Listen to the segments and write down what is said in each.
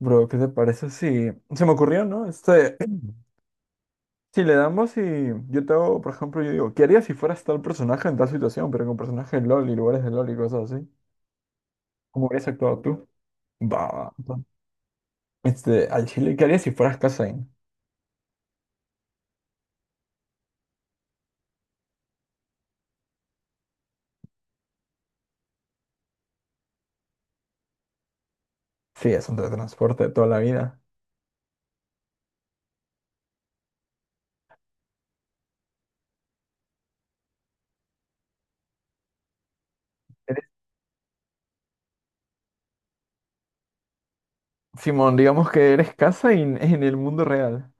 Bro, ¿qué te parece Se me ocurrió, ¿no? Si le damos y yo te hago, por ejemplo, yo digo, ¿qué harías si fueras tal personaje en tal situación, pero con personajes de LOL y lugares de LOL y cosas así? ¿Cómo hubieras actuado tú? Va, va, va. Al Chile, ¿qué harías si fueras Kazain? Sí, es un teletransporte de toda la vida. Eres- Simón, digamos que eres Kazain en el mundo real.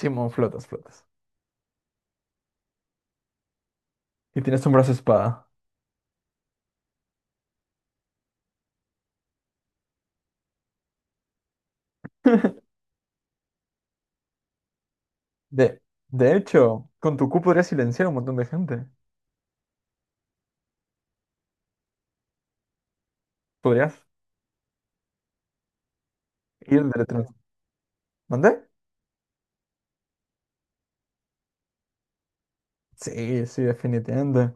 Simón, flotas, flotas. Y tienes un brazo espada. De, de hecho, con tu Q podrías silenciar a un montón de gente. Podrías ir teletransporte. ¿Mandé? Sí, sí, definitivamente.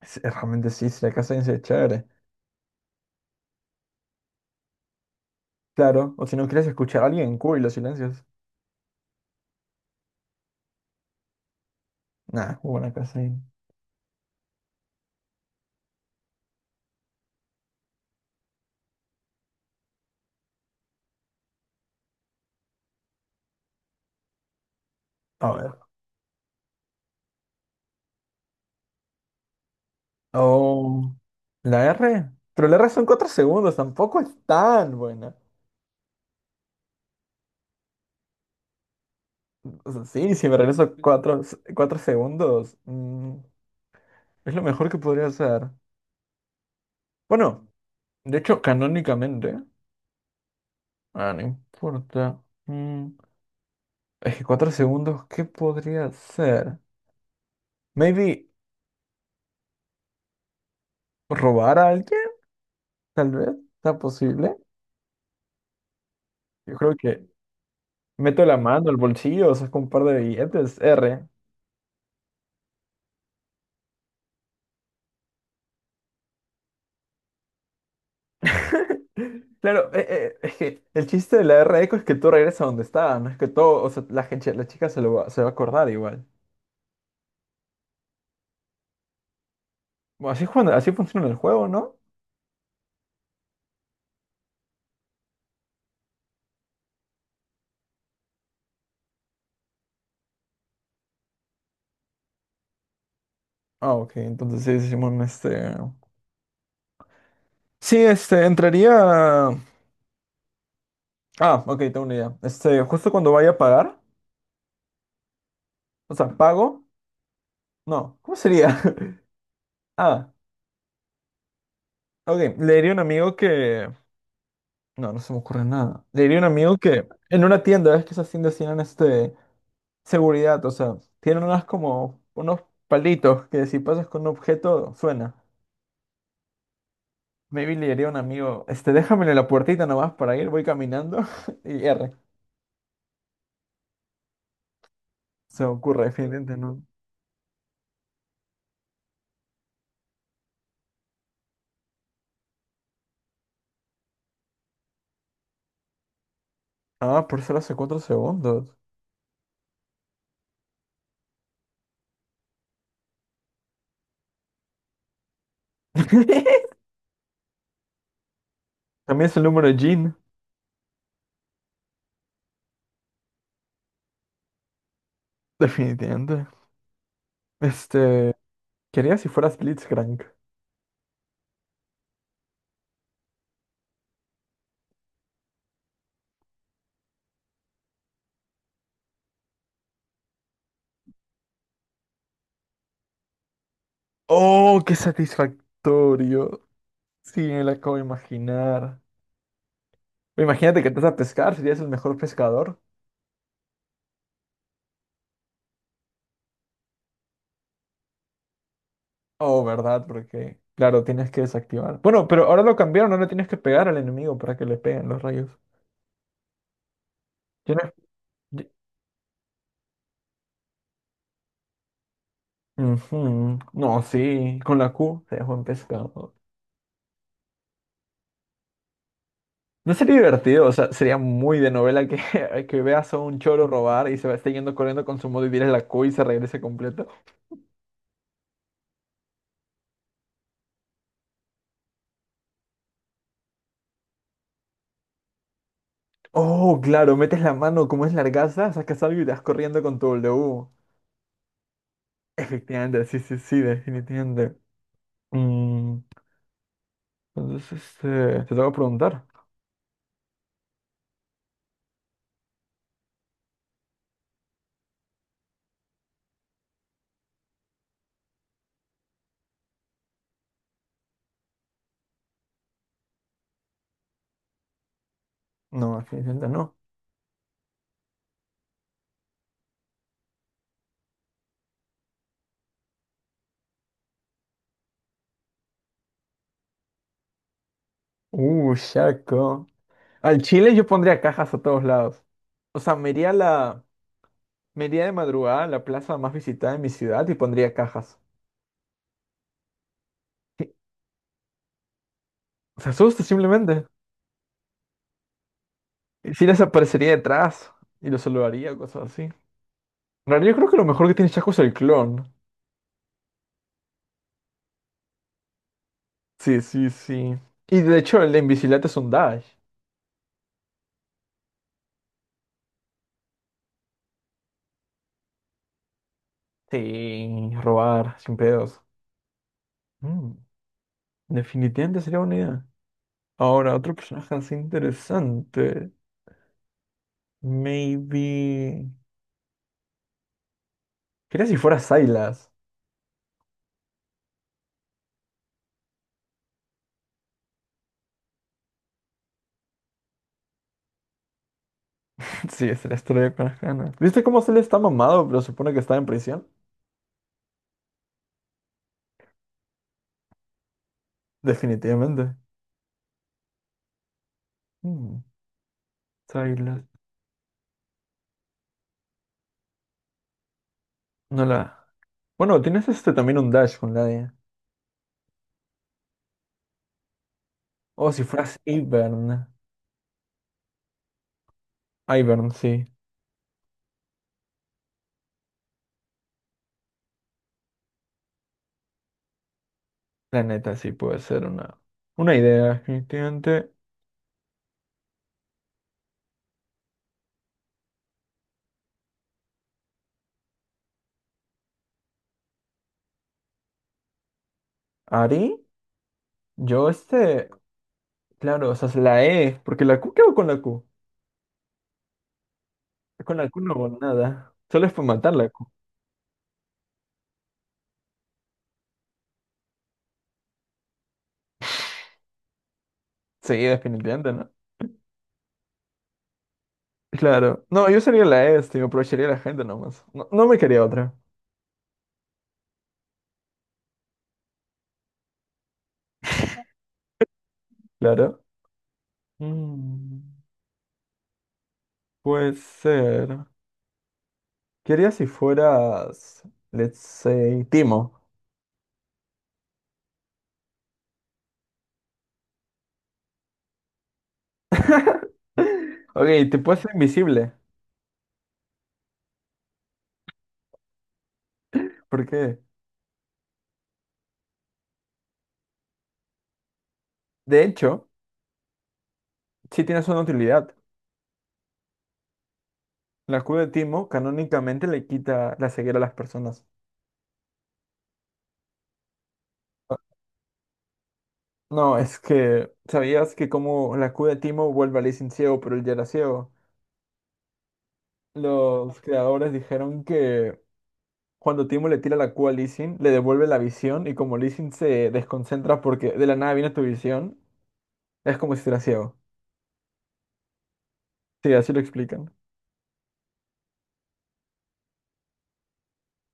Realmente sí, si la casa es chévere. Claro, o si no quieres escuchar a alguien, cool, los silencios. Nah, buena casa. A ver. Oh, la R. Pero la R son 4 segundos, tampoco es tan buena. O sea, sí, si me regreso cuatro segundos, es lo mejor que podría hacer. Bueno, de hecho, canónicamente, ah, no importa. Es que 4 segundos, ¿qué podría hacer? Maybe robar a alguien. Tal vez sea posible. Yo creo que meto la mano al bolsillo, saco un par de billetes, R. Claro, es que el chiste de la R eco es que tú regresas a donde está, no es que todo, o sea, la gente, la chica se lo va, se va a acordar igual. Bueno, así funciona el juego, ¿no? Ah, ok, entonces sí, decimos. Sí, entraría. Ah, ok, tengo una idea. Justo cuando vaya a pagar, o sea, pago, no, ¿cómo sería? Ah, ok, le diría a un amigo que. No, no se me ocurre nada. Le diría a un amigo que en una tienda, ves que esas tiendas tienen seguridad, o sea, tienen unas como unos palitos que si pasas con un objeto suena. Maybe le diría a un amigo, déjamelo la puertita nomás para ir, voy caminando y R. Se me ocurre, definitivamente no. Ah, por ser hace 4 segundos. También es el número de Jean, definitivamente. Este, quería si fueras Blitzcrank. Oh, qué satisfactorio. Sí, me lo acabo de imaginar. Imagínate que estás a pescar, serías el mejor pescador. Oh, ¿verdad? Porque, claro, tienes que desactivar. Bueno, pero ahora lo cambiaron, ahora tienes que pegar al enemigo para que le peguen los rayos. Tienes- ye- Ujú. No, sí, con la Q se dejó en pescado. No sería divertido, o sea, sería muy de novela que, que veas a un choro robar y se va esté yendo corriendo con su modo y tires la Q y se regrese completo. Oh, claro, metes la mano, como es largaza, sacas algo y te vas corriendo con tu W. Efectivamente, sí, sí, sí, definitivamente. Mm, Entonces, te tengo que preguntar. No, definitivamente no. Shaco. Al Chile yo pondría cajas a todos lados. O sea, me iría de madrugada a la plaza más visitada de mi ciudad y pondría cajas. Sí, se asusta simplemente. Y si les aparecería detrás y los saludaría, cosas así. En realidad yo creo que lo mejor que tiene Shaco es el clon. Sí, sí, sí. Y de hecho el de invisibilidad es un dash. Sí, robar, sin pedos. Mm, definitivamente sería una idea. Ahora, otro personaje así interesante. Maybe. Quería si fuera Silas. Sí, es la historia con las ganas. ¿Viste cómo se le está mamado, pero supone que está en prisión? Definitivamente. Mm, Silas. No la. Bueno, tienes también un dash con la de. O si fueras Ivern. Ivern, sí. La neta, sí puede ser una. Una idea, definitivamente. ¿Ari? Yo. Claro, o sea, es la E. Porque la Q, ¿qué hago con la Q? Con la Q no hago nada. Solo es para matar la q. Sí, definitivamente, ¿no? Claro. No, yo sería la, me aprovecharía de la gente nomás. No, no me quería otra. Claro. Mm, puede ser. Quería si fueras, let's say, Timo. Ok, te puedes ser invisible. ¿Por qué? De hecho, sí tienes una utilidad. La escudo de Timo canónicamente le quita la ceguera a las personas. Ah, no, es que, ¿sabías que como la escudo de Timo vuelve a Lee sin ciego, pero él ya era ciego? Los creadores dijeron que cuando Timo le tira la Q a Lee Sin, le devuelve la visión y como Lee Sin se desconcentra porque de la nada viene tu visión, es como si estuviera ciego. Sí, así lo explican.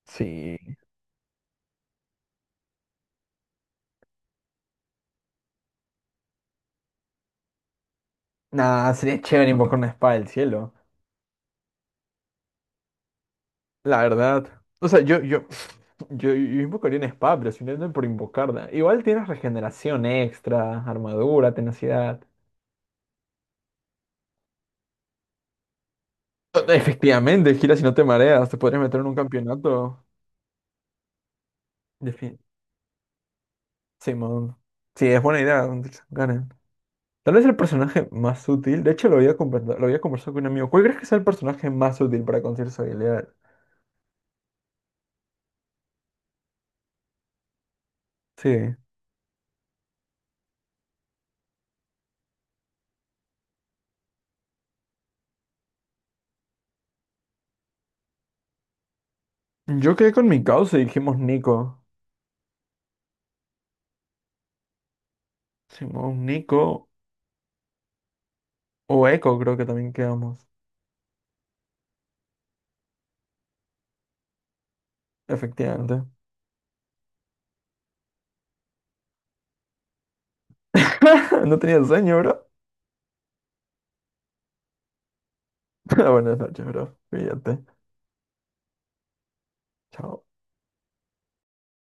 Sí. Nah, sería chévere invocar una espada del cielo. La verdad. O sea, yo, yo invocaría una espada, pero si no es por invocarla. Igual tienes regeneración extra, armadura, tenacidad. Efectivamente, gira si no te mareas, te podrías meter en un campeonato. Defi- Simón. Sí, es buena idea. Gane. Tal vez el personaje más útil, de hecho lo había conversado con un amigo, ¿cuál crees que sea el personaje más útil para conseguir su habilidad? Sí. Yo quedé con mi causa y dijimos Nico. Dijimos Nico o Echo creo que también quedamos. Efectivamente. No tenía sueño, bro. Buenas noches, bro. Fíjate. Chao.